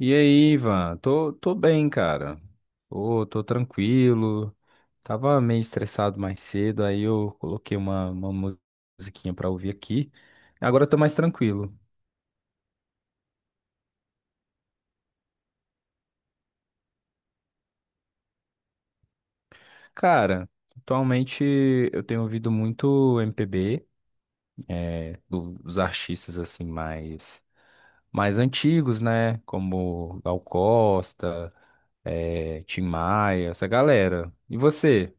E aí, Ivan? Tô bem, cara. Tô tranquilo. Tava meio estressado mais cedo, aí eu coloquei uma musiquinha pra ouvir aqui. Agora eu tô mais tranquilo. Cara, atualmente eu tenho ouvido muito MPB, dos artistas assim mais antigos, né? Como Gal Costa, Tim Maia, essa galera. E você?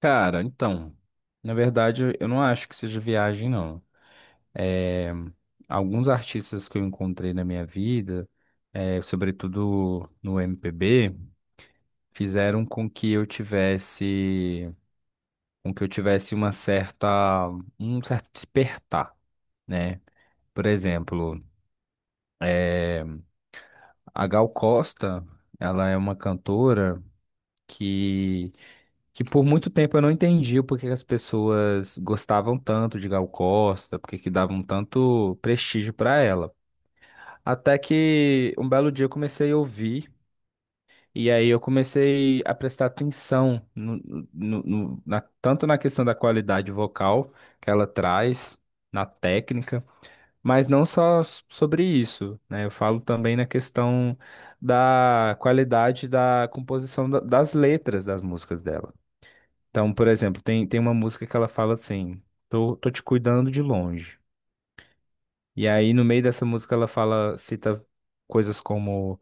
Cara, então, na verdade, eu não acho que seja viagem, não. É, alguns artistas que eu encontrei na minha vida, é, sobretudo no MPB, fizeram com que eu tivesse uma certa, um certo despertar, né? Por exemplo, é, a Gal Costa, ela é uma cantora que que por muito tempo eu não entendi o porquê que as pessoas gostavam tanto de Gal Costa, porque que davam tanto prestígio pra ela. Até que um belo dia eu comecei a ouvir, e aí eu comecei a prestar atenção na tanto na questão da qualidade vocal que ela traz, na técnica, mas não só sobre isso, né? Eu falo também na questão da qualidade da composição das letras das músicas dela. Então, por exemplo, tem uma música que ela fala assim: tô te cuidando de longe. E aí, no meio dessa música, ela fala, cita coisas como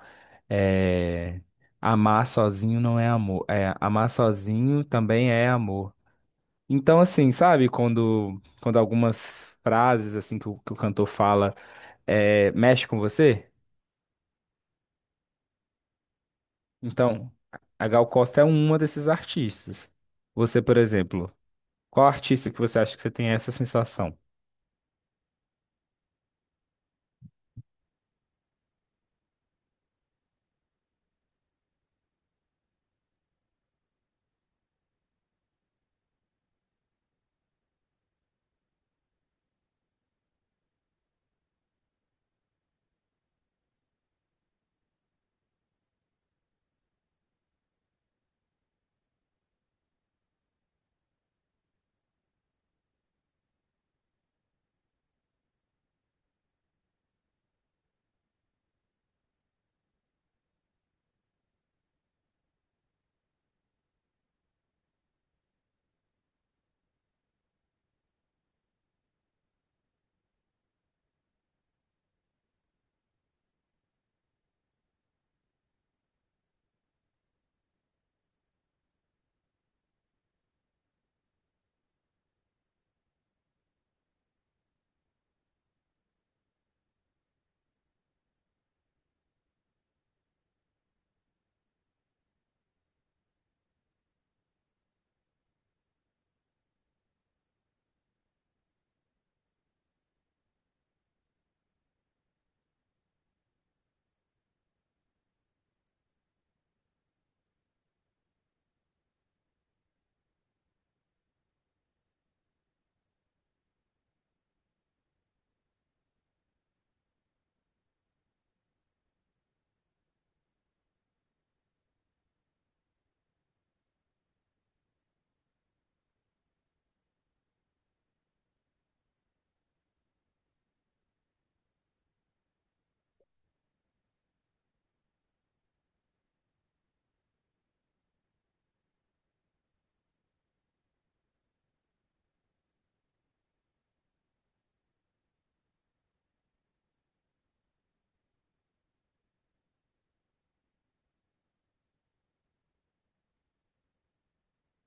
é, amar sozinho não é amor. É, amar sozinho também é amor. Então, assim, sabe, quando algumas frases assim que o cantor fala mexe com você? Então, a Gal Costa é uma desses artistas. Você, por exemplo, qual artista que você acha que você tem essa sensação?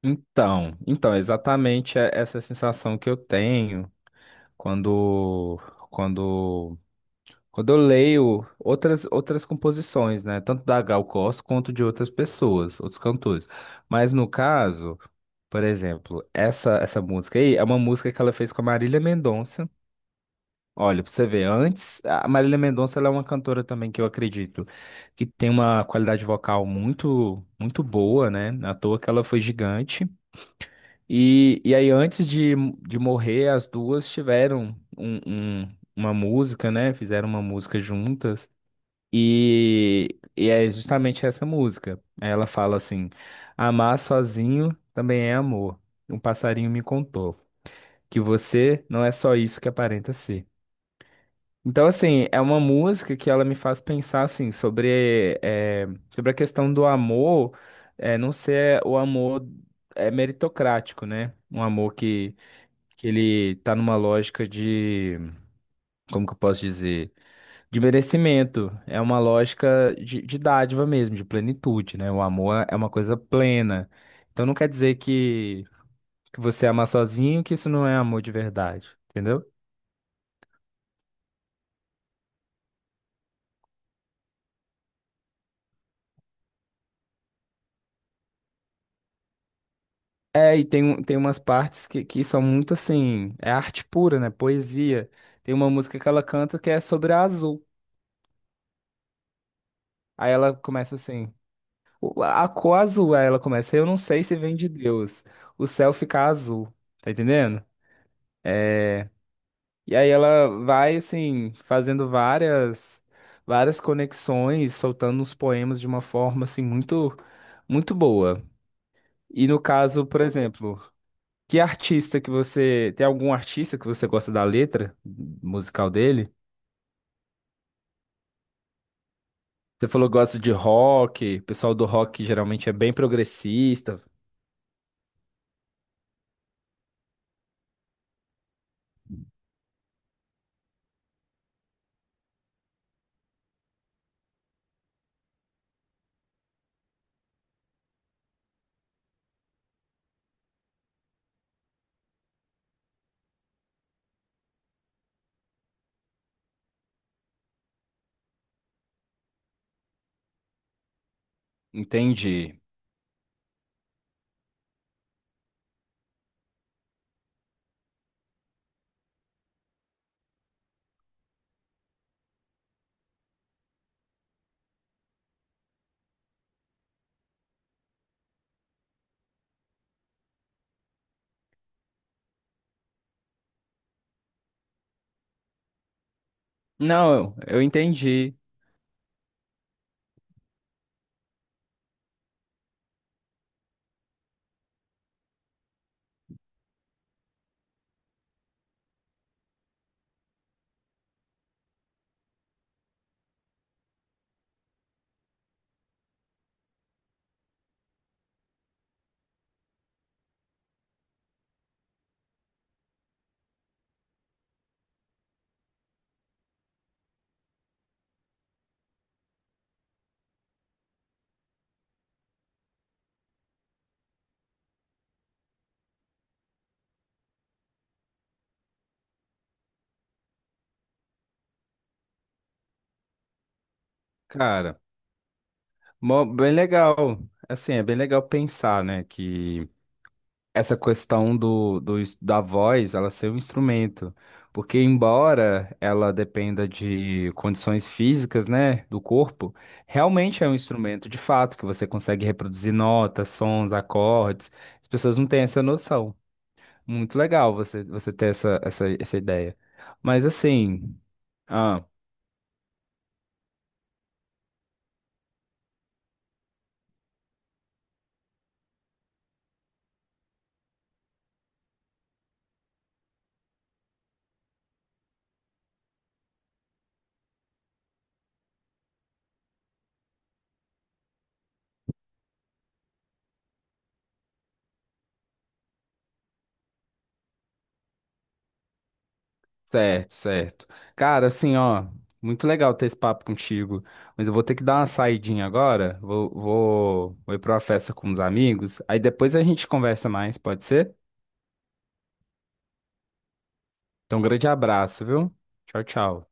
Então, então, exatamente é essa sensação que eu tenho quando quando quando eu leio outras composições, né, tanto da Gal Costa quanto de outras pessoas, outros cantores. Mas no caso, por exemplo, essa música aí é uma música que ela fez com a Marília Mendonça. Olha, pra você ver, antes, a Marília Mendonça ela é uma cantora também que eu acredito que tem uma qualidade vocal muito boa, né? À toa que ela foi gigante. E aí, antes de morrer, as duas tiveram uma música, né? Fizeram uma música juntas. E é justamente essa música. Aí ela fala assim: amar sozinho também é amor. Um passarinho me contou que você não é só isso que aparenta ser. Então, assim, é uma música que ela me faz pensar assim, sobre, sobre a questão do amor, não ser o amor é meritocrático, né? Um amor que ele tá numa lógica de, como que eu posso dizer? De merecimento. É uma lógica de dádiva mesmo, de plenitude, né? O amor é uma coisa plena. Então não quer dizer que você ama sozinho, que isso não é amor de verdade, entendeu? É, e tem, tem umas partes que são muito assim, é arte pura, né? Poesia. Tem uma música que ela canta que é sobre a azul. Aí ela começa assim, a cor azul, aí ela começa, eu não sei se vem de Deus, o céu fica azul. Tá entendendo? É, e aí ela vai assim fazendo várias conexões, soltando os poemas de uma forma assim muito boa. E no caso, por exemplo, que artista que você tem algum artista que você gosta da letra musical dele? Você falou que gosta de rock, o pessoal do rock geralmente é bem progressista, entendi. Não, eu entendi, cara. Bem legal. Assim, é bem legal pensar, né, que essa questão do, do, ins- da voz, ela ser um instrumento, porque embora ela dependa de condições físicas, né, do corpo, realmente é um instrumento de fato que você consegue reproduzir notas, sons, acordes. As pessoas não têm essa noção. Muito legal você ter essa ideia. Mas assim, ah, certo, certo. Cara, assim, ó, muito legal ter esse papo contigo, mas eu vou ter que dar uma saidinha agora, vou ir pra uma festa com uns amigos, aí depois a gente conversa mais, pode ser? Então, um grande abraço, viu? Tchau, tchau.